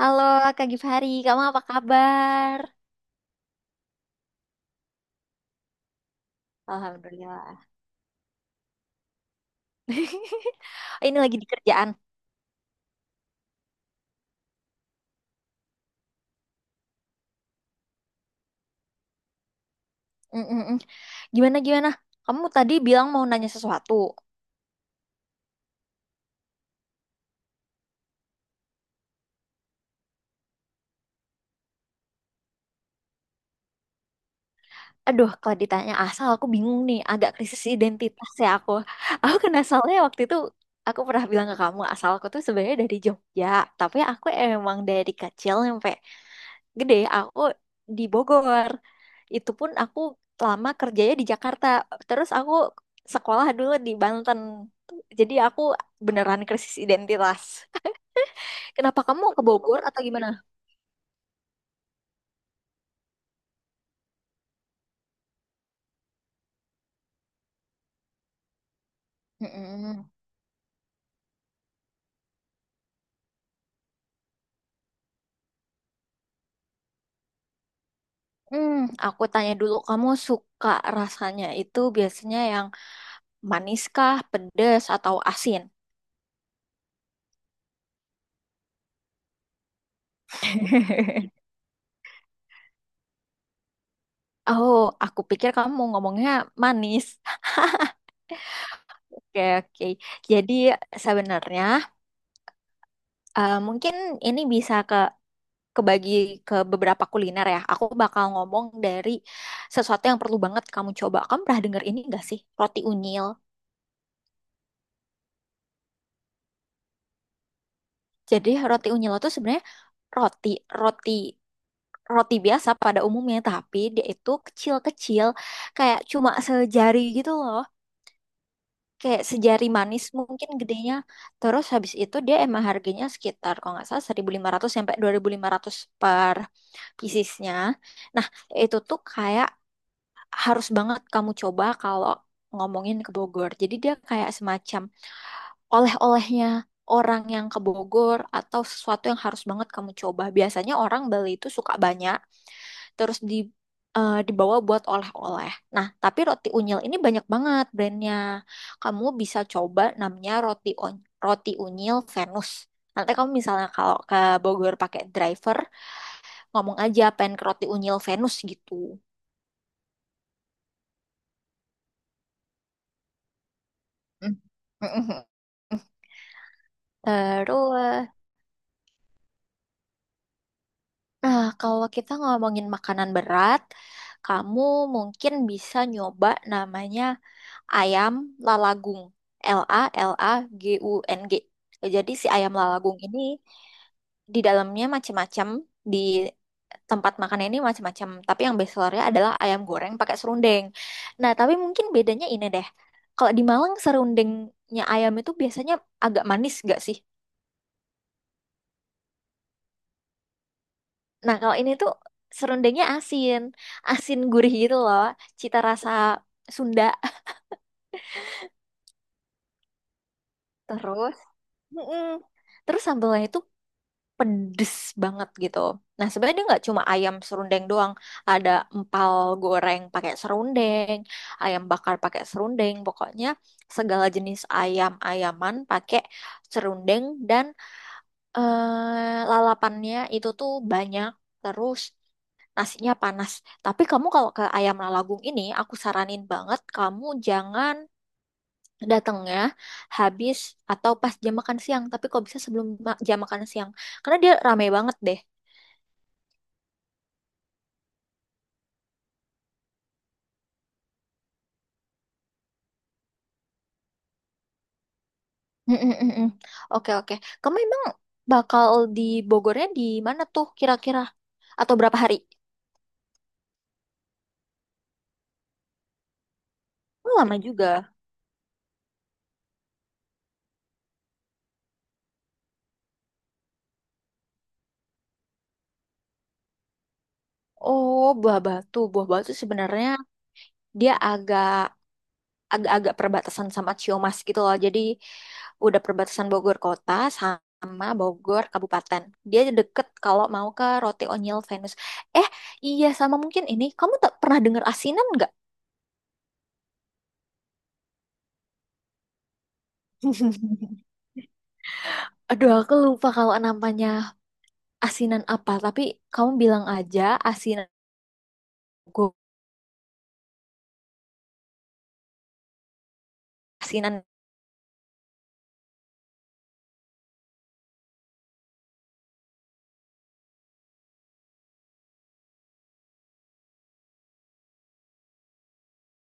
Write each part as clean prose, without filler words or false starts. Halo Kak Gifari, kamu apa kabar? Alhamdulillah. Ini lagi di kerjaan. Mm, mm, mm. Gimana gimana? Kamu tadi bilang mau nanya sesuatu. Aduh, kalau ditanya asal aku bingung nih, agak krisis identitas ya aku. Aku kan asalnya waktu itu aku pernah bilang ke kamu asal aku tuh sebenarnya dari Jogja, tapi aku emang dari kecil sampai gede aku di Bogor. Itu pun aku lama kerjanya di Jakarta, terus aku sekolah dulu di Banten. Jadi aku beneran krisis identitas. Kenapa kamu ke Bogor atau gimana? Mm-mm. Hmm, aku tanya dulu, kamu suka rasanya itu biasanya yang maniskah, pedas, atau asin? Oh, aku pikir kamu mau ngomongnya manis. Oke, oke. Jadi sebenarnya mungkin ini bisa ke kebagi ke beberapa kuliner ya. Aku bakal ngomong dari sesuatu yang perlu banget kamu coba. Kamu pernah denger ini gak sih? Roti unyil. Jadi roti unyil itu sebenarnya roti, roti, roti biasa pada umumnya, tapi dia itu kecil-kecil kayak cuma sejari gitu loh. Kayak sejari manis mungkin gedenya. Terus habis itu dia emang harganya sekitar kalau nggak salah 1.500 sampai 2.500 per piecesnya. Nah, itu tuh kayak harus banget kamu coba kalau ngomongin ke Bogor. Jadi dia kayak semacam oleh-olehnya orang yang ke Bogor atau sesuatu yang harus banget kamu coba. Biasanya orang beli itu suka banyak, terus dibawa buat oleh-oleh. Nah, tapi roti unyil ini banyak banget brandnya. Kamu bisa coba namanya roti unyil Venus. Nanti kamu misalnya kalau ke Bogor pakai driver, ngomong aja pengen ke roti unyil Venus gitu. Mm. Terus, nah kalau kita ngomongin makanan berat, kamu mungkin bisa nyoba namanya ayam lalagung. L A L A G U N G. Jadi si ayam lalagung ini di dalamnya macam-macam di tempat makan ini macam-macam. Tapi yang best sellernya adalah ayam goreng pakai serundeng. Nah, tapi mungkin bedanya ini deh. Kalau di Malang serundengnya ayam itu biasanya agak manis gak sih? Nah, kalau ini tuh serundengnya asin. Asin gurih gitu loh. Cita rasa Sunda. Terus, mm-mm. Terus sambalnya itu pedes banget gitu. Nah, sebenarnya dia nggak cuma ayam serundeng doang. Ada empal goreng pakai serundeng, ayam bakar pakai serundeng. Pokoknya segala jenis ayam-ayaman pakai serundeng dan lalapannya itu tuh banyak. Terus nasinya panas. Tapi kamu kalau ke ayam lalagung ini, aku saranin banget kamu jangan datangnya habis atau pas jam makan siang. Tapi kok bisa sebelum jam makan siang. Karena dia rame banget deh. Mm-mm, mm-mm. Oke, oke. Kamu emang bakal di Bogornya di mana tuh kira-kira? Atau berapa hari? Oh, lama juga. Oh, Buah Batu. Buah Batu sebenarnya dia agak-agak perbatasan sama Ciumas gitu loh. Jadi udah perbatasan Bogor kota sama Bogor kabupaten. Dia deket kalau mau ke Roti Onyil Venus. Eh, iya sama mungkin ini. Kamu tak pernah dengar asinan nggak? Aduh, aku lupa kalau namanya. Asinan apa tapi kamu bilang aja asinan gue asinan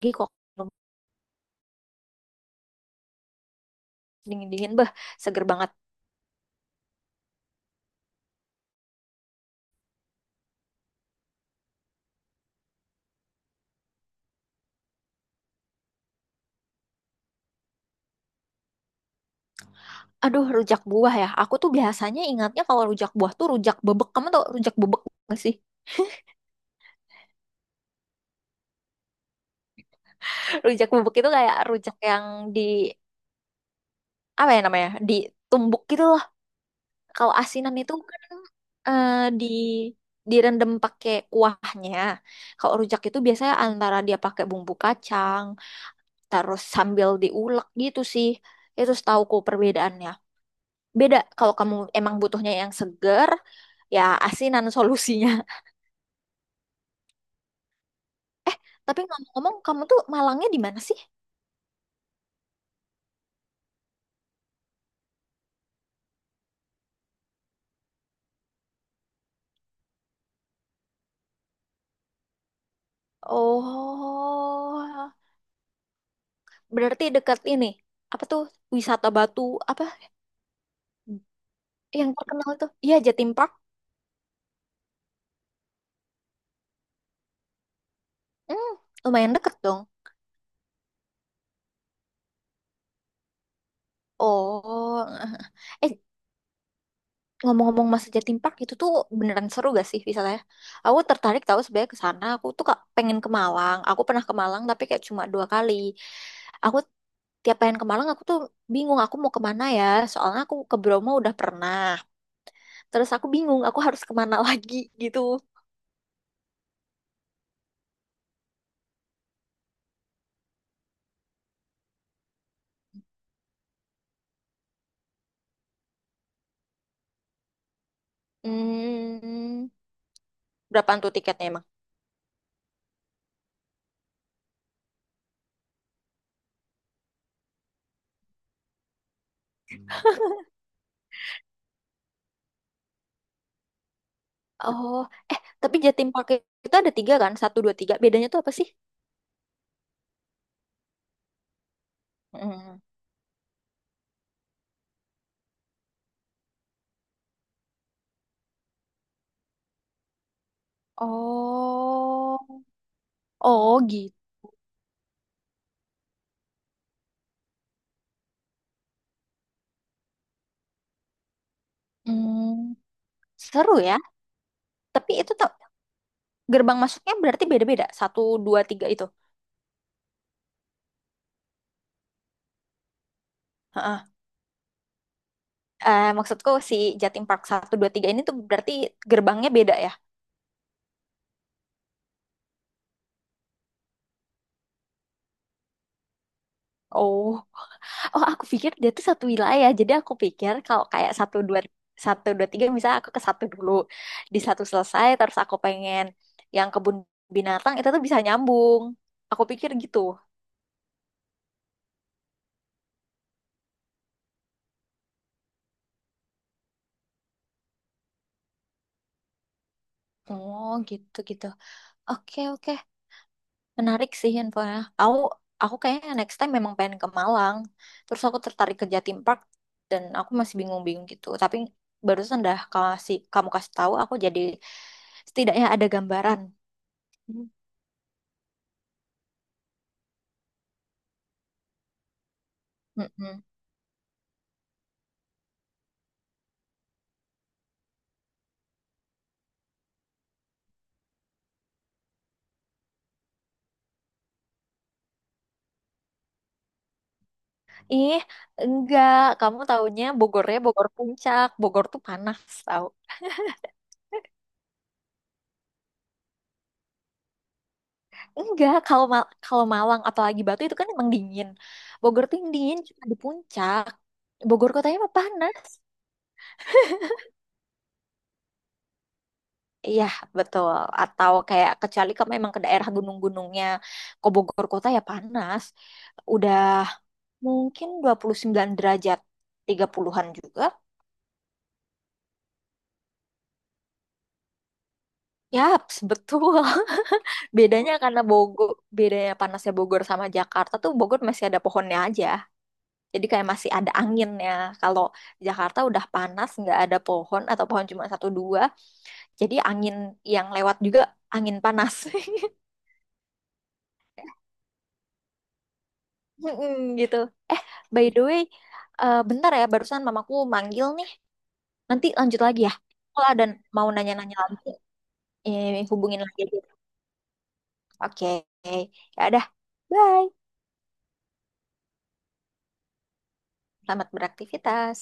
lagi kok dingin dingin beh seger banget. Aduh, rujak buah ya, aku tuh biasanya ingatnya kalau rujak buah tuh rujak bebek. Kamu tau rujak bebek nggak sih? Rujak bebek itu kayak rujak yang di apa ya namanya ditumbuk gitu loh. Kalau asinan itu kan eh, di direndam pakai kuahnya. Kalau rujak itu biasanya antara dia pakai bumbu kacang terus sambil diulek gitu sih. Itu setauku perbedaannya. Beda kalau kamu emang butuhnya yang seger, ya asinan solusinya. Eh, tapi ngomong-ngomong kamu tuh Malangnya di mana sih? Oh, berarti dekat ini. Apa tuh wisata batu apa yang terkenal tuh? Iya, Jatim Park. Hmm, lumayan deket dong. Oh, eh ngomong-ngomong masa Jatim Park itu tuh beneran seru gak sih wisatanya? Aku tertarik tahu sebenarnya ke sana. Aku tuh kak pengen ke Malang. Aku pernah ke Malang tapi kayak cuma 2 kali. Aku tiap pengen ke Malang aku tuh bingung aku mau kemana ya soalnya aku ke Bromo udah pernah terus aku bingung aku harus kemana lagi gitu. Hmm, berapaan tuh tiketnya emang? Oh eh tapi Jatim Park itu ada tiga kan, satu dua tiga bedanya tuh apa sih? Hmm. Oh. Oh gitu. Hmm, seru ya. Tapi itu tuh gerbang masuknya berarti beda-beda satu dua tiga itu? Heeh. Eh, maksudku si Jatim Park satu dua tiga ini tuh berarti gerbangnya beda ya? Oh. Oh, aku pikir dia tuh satu wilayah. Jadi aku pikir kalau kayak satu dua tiga, misalnya aku ke satu dulu, di satu selesai, terus aku pengen yang kebun binatang itu tuh bisa nyambung. Aku pikir gitu. Oh, gitu gitu. Oke oke, menarik sih infonya. Aku aku kayaknya next time memang pengen ke Malang. Terus aku tertarik ke Jatim Park dan aku masih bingung-bingung gitu. Tapi barusan dah kasih kamu kasih tahu, aku jadi setidaknya ada gambaran. Mm-mm. Ih, enggak. Kamu taunya Bogornya Bogor Puncak. Bogor tuh panas tau. Enggak, kalau kalau Malang apalagi Batu itu kan emang dingin. Bogor tuh yang dingin cuma di puncak. Bogor kotanya mah panas. Iya, betul. Atau kayak kecuali kamu emang ke daerah gunung-gunungnya. Ke Bogor kota ya panas. Udah mungkin 29 derajat, 30-an juga. Yap, betul. Bedanya karena Bogor, bedanya panasnya Bogor sama Jakarta tuh Bogor masih ada pohonnya aja. Jadi kayak masih ada anginnya. Kalau Jakarta udah panas, nggak ada pohon atau pohon cuma satu dua. Jadi angin yang lewat juga angin panas. Mm-mm, gitu. Eh, by the way, eh, bentar ya, barusan mamaku manggil nih. Nanti lanjut lagi ya. Kalau ada mau nanya-nanya lagi, hubungin lagi aja. Oke, ya udah. Bye. Selamat beraktivitas.